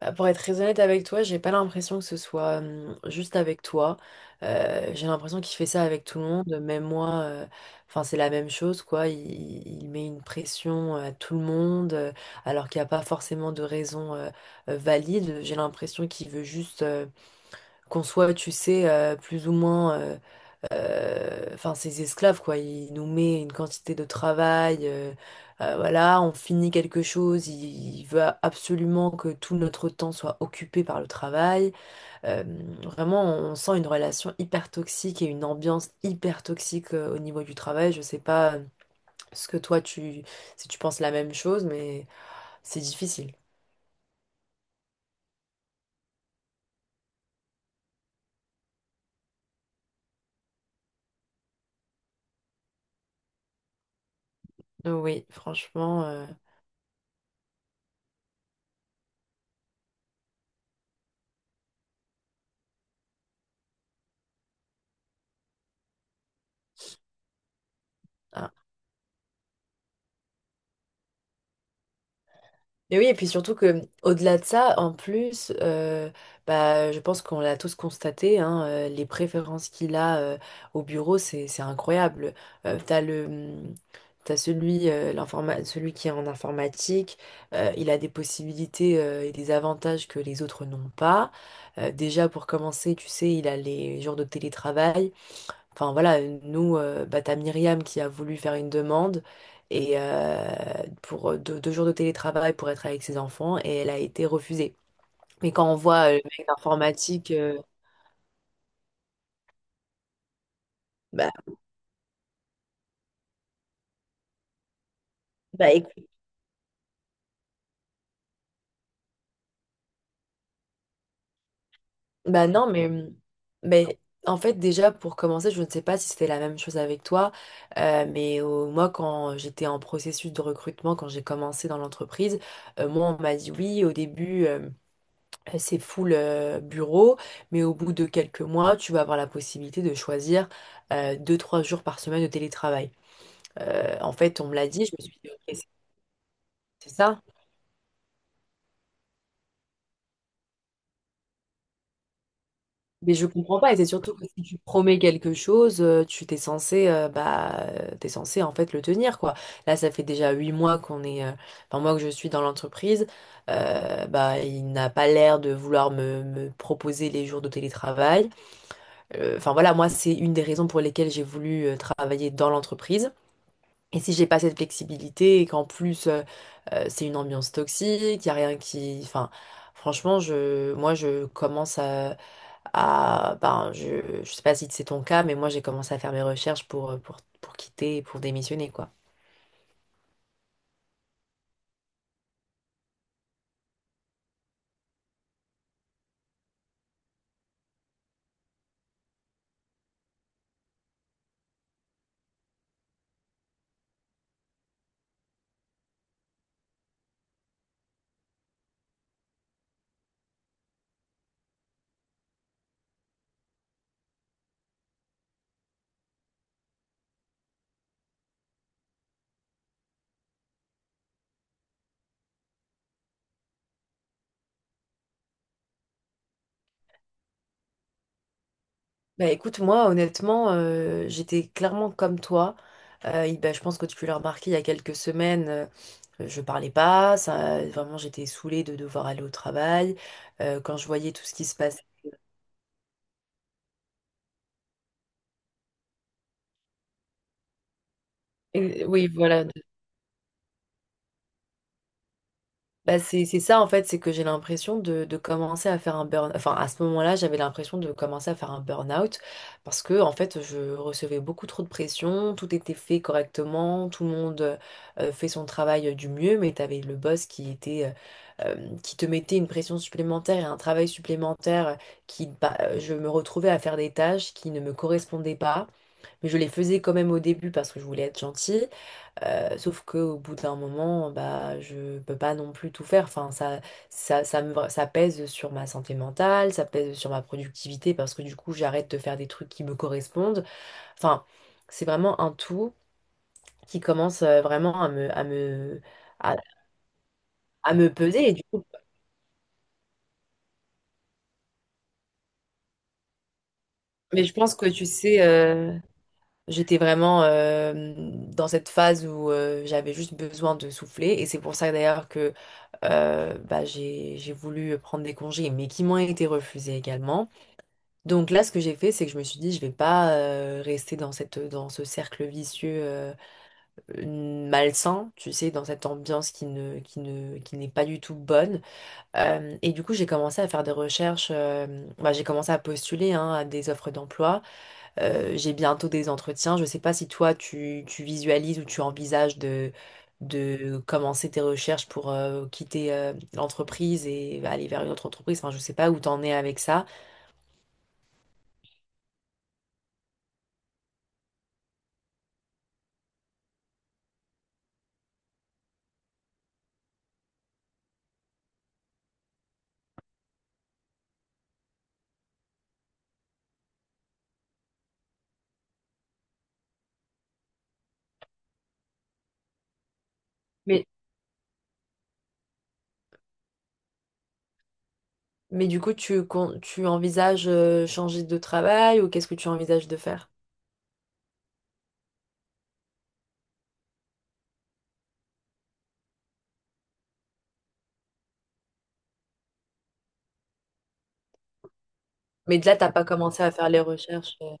Bah, pour être très honnête avec toi, j'ai pas l'impression que ce soit juste avec toi. J'ai l'impression qu'il fait ça avec tout le monde, même moi. Enfin, c'est la même chose, quoi. Il met une pression à tout le monde, alors qu'il n'y a pas forcément de raison valide. J'ai l'impression qu'il veut juste qu'on soit, tu sais, plus ou moins enfin ces esclaves quoi. Il nous met une quantité de travail voilà on finit quelque chose, il veut absolument que tout notre temps soit occupé par le travail. Euh, Vraiment on sent une relation hyper toxique et une ambiance hyper toxique au niveau du travail. Je sais pas ce que toi tu, si tu penses la même chose, mais c'est difficile. Oui, franchement, et oui, et puis surtout que au-delà de ça, en plus, bah, je pense qu'on l'a tous constaté, hein, les préférences qu'il a au bureau, c'est incroyable. T'as le t'as celui celui qui est en informatique, il a des possibilités et des avantages que les autres n'ont pas. Déjà pour commencer, tu sais, il a les jours de télétravail. Enfin voilà, nous, bah, t'as Myriam qui a voulu faire une demande et pour deux jours de télétravail pour être avec ses enfants et elle a été refusée. Mais quand on voit le mec d'informatique, bah, bah, écoute, bah non, mais en fait déjà pour commencer, je ne sais pas si c'était la même chose avec toi, mais moi quand j'étais en processus de recrutement, quand j'ai commencé dans l'entreprise, moi on m'a dit oui au début. C'est full bureau, mais au bout de quelques mois, tu vas avoir la possibilité de choisir deux, trois jours par semaine de télétravail. En fait, on me l'a dit, je me suis dit, ok, c'est ça. Mais je comprends pas, et c'est surtout que si tu promets quelque chose, tu t'es censé, bah, t'es censé en fait le tenir, quoi. Là, ça fait déjà huit mois qu'on est, enfin moi que je suis dans l'entreprise, bah, il n'a pas l'air de vouloir me proposer les jours de télétravail. Enfin voilà, moi, c'est une des raisons pour lesquelles j'ai voulu travailler dans l'entreprise. Et si j'ai pas cette flexibilité et qu'en plus c'est une ambiance toxique, il y a rien qui, enfin, franchement, moi, je commence à, je sais pas si c'est ton cas, mais moi, j'ai commencé à faire mes recherches pour quitter, et pour démissionner, quoi. Bah écoute, moi honnêtement, j'étais clairement comme toi. Et bah, je pense que tu l'as remarqué il y a quelques semaines, je parlais pas, ça, vraiment j'étais saoulée de devoir aller au travail. Quand je voyais tout ce qui se passe. Et oui, voilà, bah c'est ça en fait, c'est que j'ai l'impression de commencer à faire un burn. Enfin, à ce moment-là, j'avais l'impression de commencer à faire un burn-out parce que en fait, je recevais beaucoup trop de pression, tout était fait correctement, tout le monde fait son travail du mieux, mais t'avais le boss qui était qui te mettait une pression supplémentaire et un travail supplémentaire qui bah, je me retrouvais à faire des tâches qui ne me correspondaient pas, mais je les faisais quand même au début parce que je voulais être gentille. Sauf qu'au bout d'un moment, bah, je peux pas non plus tout faire. Enfin, ça pèse sur ma santé mentale, ça pèse sur ma productivité parce que du coup, j'arrête de faire des trucs qui me correspondent. Enfin, c'est vraiment un tout qui commence vraiment à, à me peser. Et du coup, mais je pense que tu sais, j'étais vraiment dans cette phase où j'avais juste besoin de souffler et c'est pour ça d'ailleurs que bah, j'ai voulu prendre des congés mais qui m'ont été refusés également. Donc là ce que j'ai fait c'est que je me suis dit je vais pas rester dans cette dans ce cercle vicieux malsain, tu sais, dans cette ambiance qui n'est pas du tout bonne. Et du coup j'ai commencé à faire des recherches, bah, j'ai commencé à postuler hein, à des offres d'emploi. J'ai bientôt des entretiens. Je ne sais pas si toi, tu visualises ou tu envisages de commencer tes recherches pour quitter l'entreprise et aller vers une autre entreprise. Enfin, je ne sais pas où t'en es avec ça. Mais, mais du coup, tu envisages changer de travail ou qu'est-ce que tu envisages de faire? Mais là, t'as pas commencé à faire les recherches.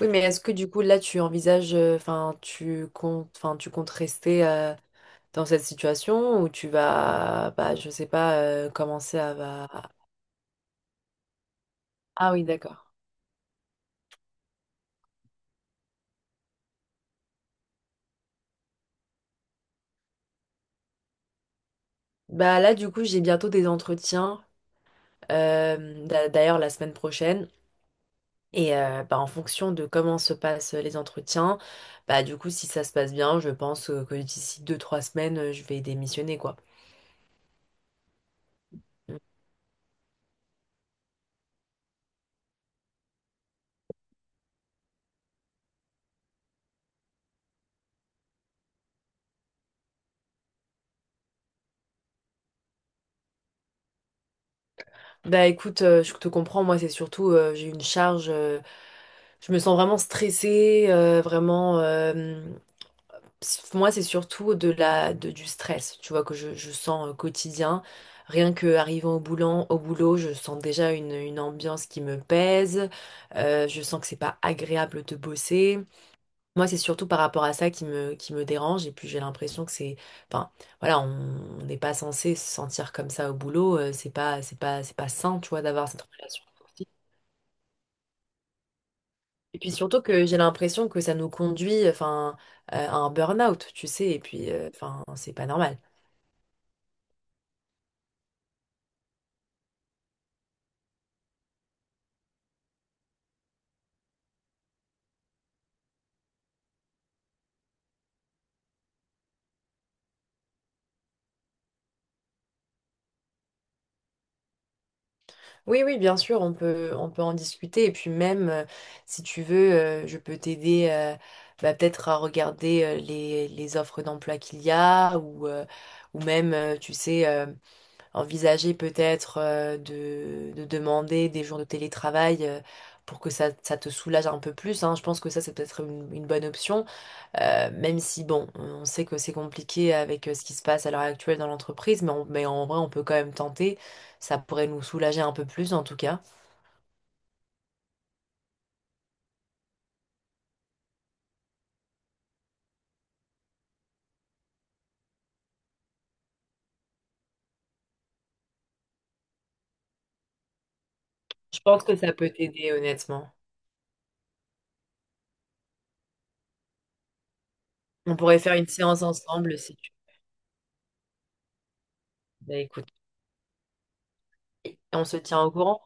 Oui, mais est-ce que du coup, là, tu envisages, enfin, tu comptes rester dans cette situation ou tu vas, bah, je sais pas, commencer à, va- Ah oui, d'accord. Bah là, du coup, j'ai bientôt des entretiens, d'ailleurs la semaine prochaine. Et bah, en fonction de comment se passent les entretiens, bah du coup, si ça se passe bien, je pense que d'ici deux, trois semaines, je vais démissionner, quoi. Bah écoute, je te comprends, moi, c'est surtout, j'ai une charge, je me sens vraiment stressée, vraiment. Pff, moi, c'est surtout de du stress, tu vois, que je sens quotidien. Rien que arrivant au boulot, je sens déjà une ambiance qui me pèse. Je sens que c'est pas agréable de bosser. Moi, c'est surtout par rapport à ça qui me dérange. Et puis, j'ai l'impression que c'est, enfin, voilà, on n'est pas censé se sentir comme ça au boulot. C'est pas sain, tu vois, d'avoir cette relation. Et puis surtout que j'ai l'impression que ça nous conduit, enfin, à un burn-out, tu sais. Et puis, enfin, c'est pas normal. Oui, oui, bien sûr, on peut en discuter. Et puis même, si tu veux, je peux t'aider bah, peut-être à regarder les offres d'emploi qu'il y a ou même, tu sais, envisager peut-être de demander des jours de télétravail pour que ça te soulage un peu plus, hein. Je pense que ça, c'est peut-être une bonne option. Même si, bon, on sait que c'est compliqué avec ce qui se passe à l'heure actuelle dans l'entreprise, mais en vrai, on peut quand même tenter. Ça pourrait nous soulager un peu plus, en tout cas. Je pense que ça peut t'aider, honnêtement. On pourrait faire une séance ensemble si tu... Bah, écoute, on se tient au courant.